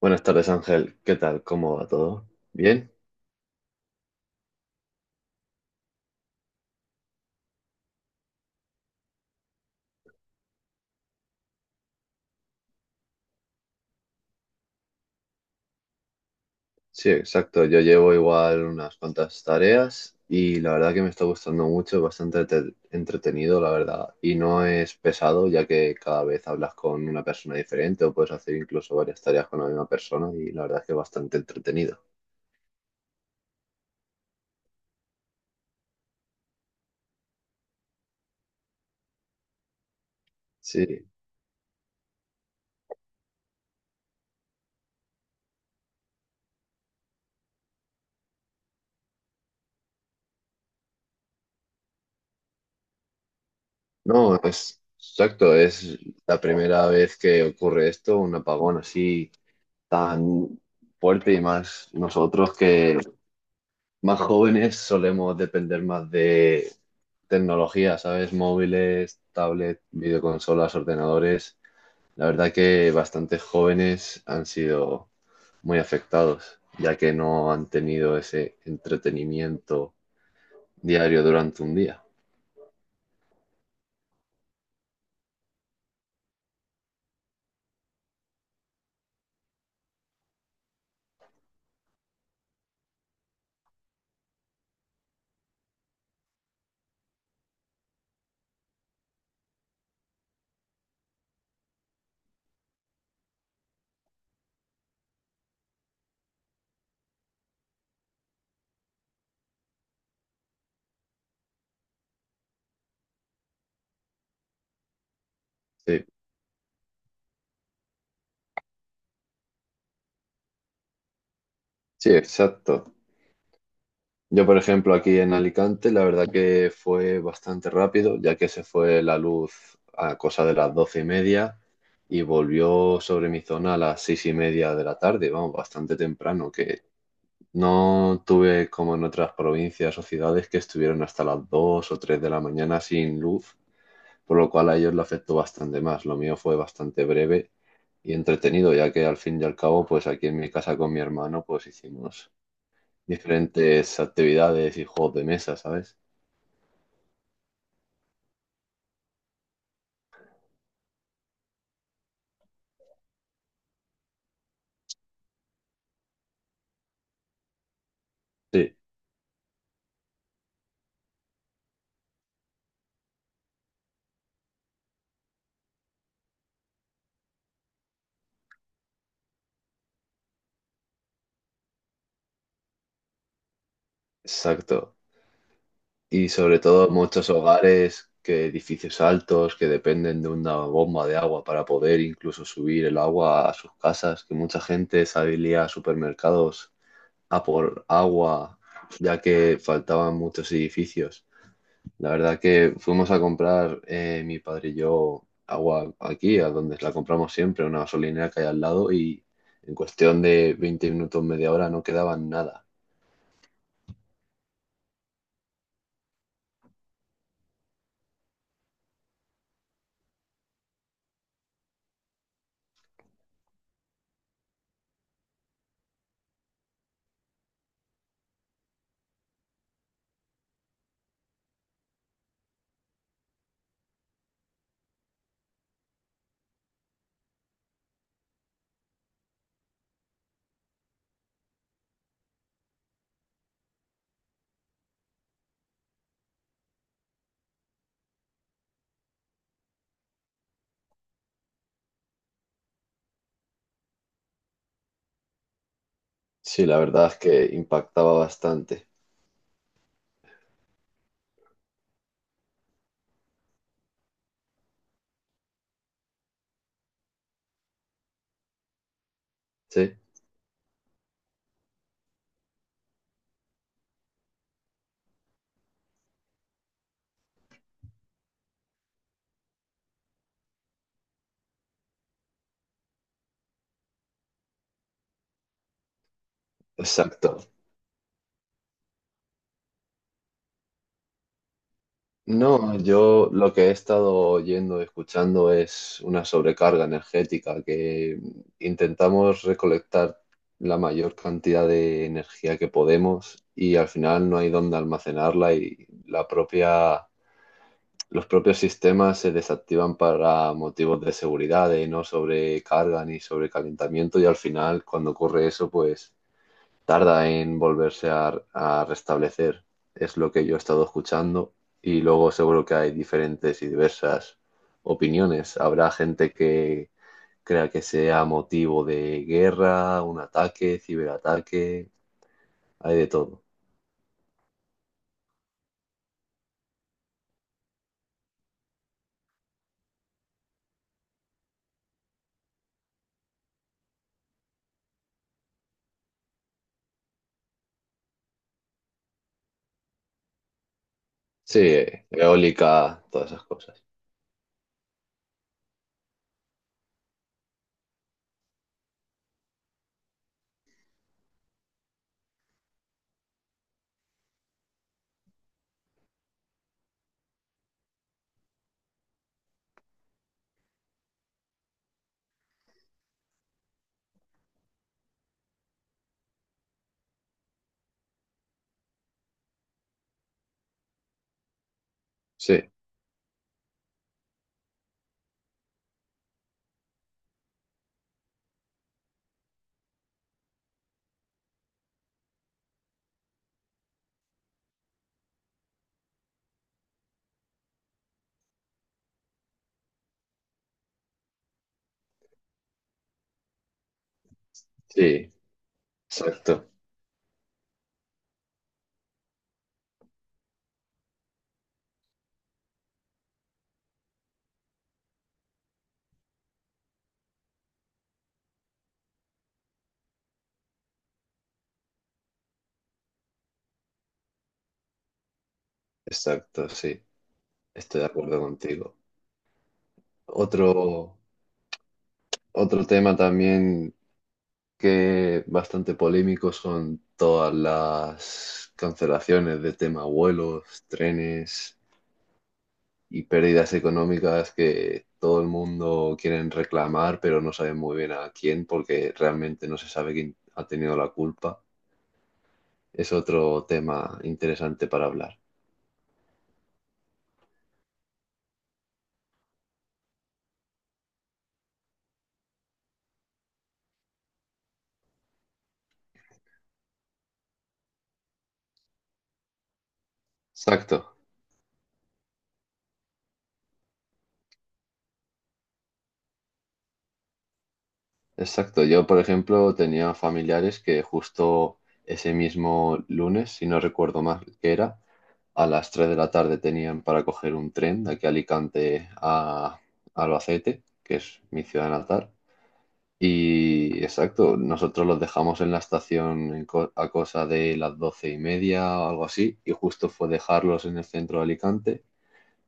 Buenas tardes, Ángel. ¿Qué tal? ¿Cómo va todo? ¿Bien? Sí, exacto. Yo llevo igual unas cuantas tareas y la verdad que me está gustando mucho, bastante entretenido, la verdad. Y no es pesado, ya que cada vez hablas con una persona diferente o puedes hacer incluso varias tareas con la misma persona y la verdad que es bastante entretenido. Sí, no, es exacto. Es la primera vez que ocurre esto, un apagón así tan fuerte y más nosotros que más jóvenes solemos depender más de tecnología, ¿sabes? Móviles, tablets, videoconsolas, ordenadores. La verdad que bastantes jóvenes han sido muy afectados, ya que no han tenido ese entretenimiento diario durante un día. Sí, sí, exacto. Yo, por ejemplo, aquí en Alicante, la verdad que fue bastante rápido, ya que se fue la luz a cosa de las 12:30 y volvió sobre mi zona a las 6:30 de la tarde, vamos, bastante temprano, que no tuve como en otras provincias o ciudades que estuvieron hasta las 2 o 3 de la mañana sin luz, por lo cual a ellos le afectó bastante más. Lo mío fue bastante breve y entretenido, ya que al fin y al cabo, pues aquí en mi casa con mi hermano, pues hicimos diferentes actividades y juegos de mesa, ¿sabes? Sí, exacto. Y sobre todo muchos hogares que edificios altos que dependen de una bomba de agua para poder incluso subir el agua a sus casas, que mucha gente salía a supermercados a por agua ya que faltaban muchos edificios. La verdad que fuimos a comprar mi padre y yo agua aquí, a donde la compramos siempre, una gasolinera que hay al lado y en cuestión de 20 minutos, media hora no quedaba nada. Sí, la verdad es que impactaba bastante. Sí, exacto. No, yo lo que he estado oyendo, escuchando es una sobrecarga energética que intentamos recolectar la mayor cantidad de energía que podemos y al final no hay dónde almacenarla y la propia los propios sistemas se desactivan para motivos de seguridad, de no sobrecarga ni sobrecalentamiento y al final cuando ocurre eso pues tarda en volverse a restablecer. Es lo que yo he estado escuchando y luego seguro que hay diferentes y diversas opiniones. Habrá gente que crea que sea motivo de guerra, un ataque, ciberataque, hay de todo. Sí, eólica, todas esas cosas. Sí, sí, exacto, exacto, sí. Estoy de acuerdo contigo. Otro, otro tema también que bastante polémico son todas las cancelaciones de tema vuelos, trenes y pérdidas económicas que todo el mundo quieren reclamar, pero no saben muy bien a quién porque realmente no se sabe quién ha tenido la culpa. Es otro tema interesante para hablar. Exacto. Exacto, yo por ejemplo tenía familiares que justo ese mismo lunes, si no recuerdo mal que era, a las 3 de la tarde tenían para coger un tren de aquí a Alicante a Albacete, que es mi ciudad natal. Y exacto, nosotros los dejamos en la estación en a cosa de las 12:30 o algo así, y justo fue dejarlos en el centro de Alicante,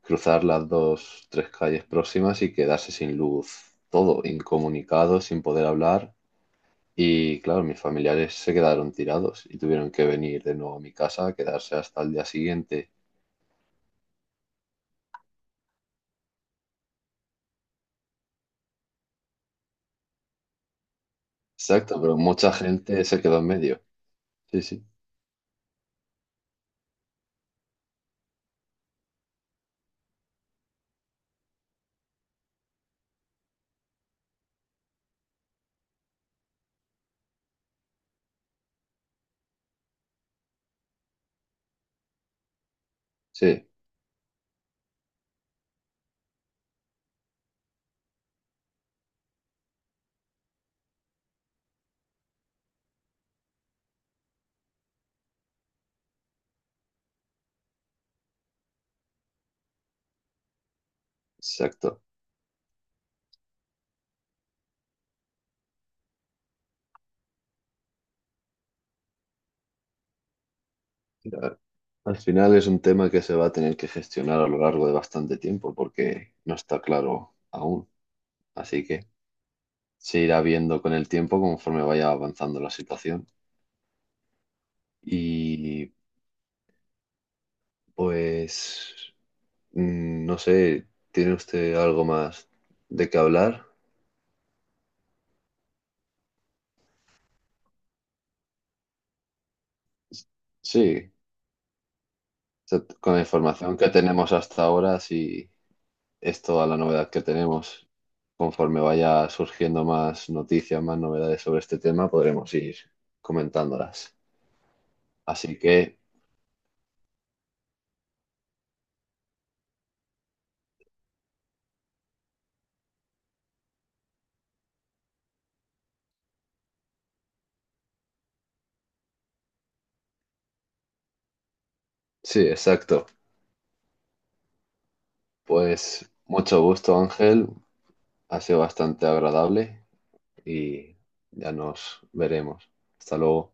cruzar las dos, tres calles próximas y quedarse sin luz, todo incomunicado, sin poder hablar y claro, mis familiares se quedaron tirados y tuvieron que venir de nuevo a mi casa a quedarse hasta el día siguiente. Exacto, pero mucha gente se quedó en medio. Sí, sí, sí, exacto. Mira, al final es un tema que se va a tener que gestionar a lo largo de bastante tiempo porque no está claro aún. Así que se irá viendo con el tiempo conforme vaya avanzando la situación. Y pues, no sé, ¿tiene usted algo más de qué hablar? Sí, sea, con la información que tenemos hasta ahora, sí es toda la novedad que tenemos. Conforme vaya surgiendo más noticias, más novedades sobre este tema, podremos ir comentándolas. Así que, sí, exacto. Pues mucho gusto, Ángel. Ha sido bastante agradable y ya nos veremos. Hasta luego.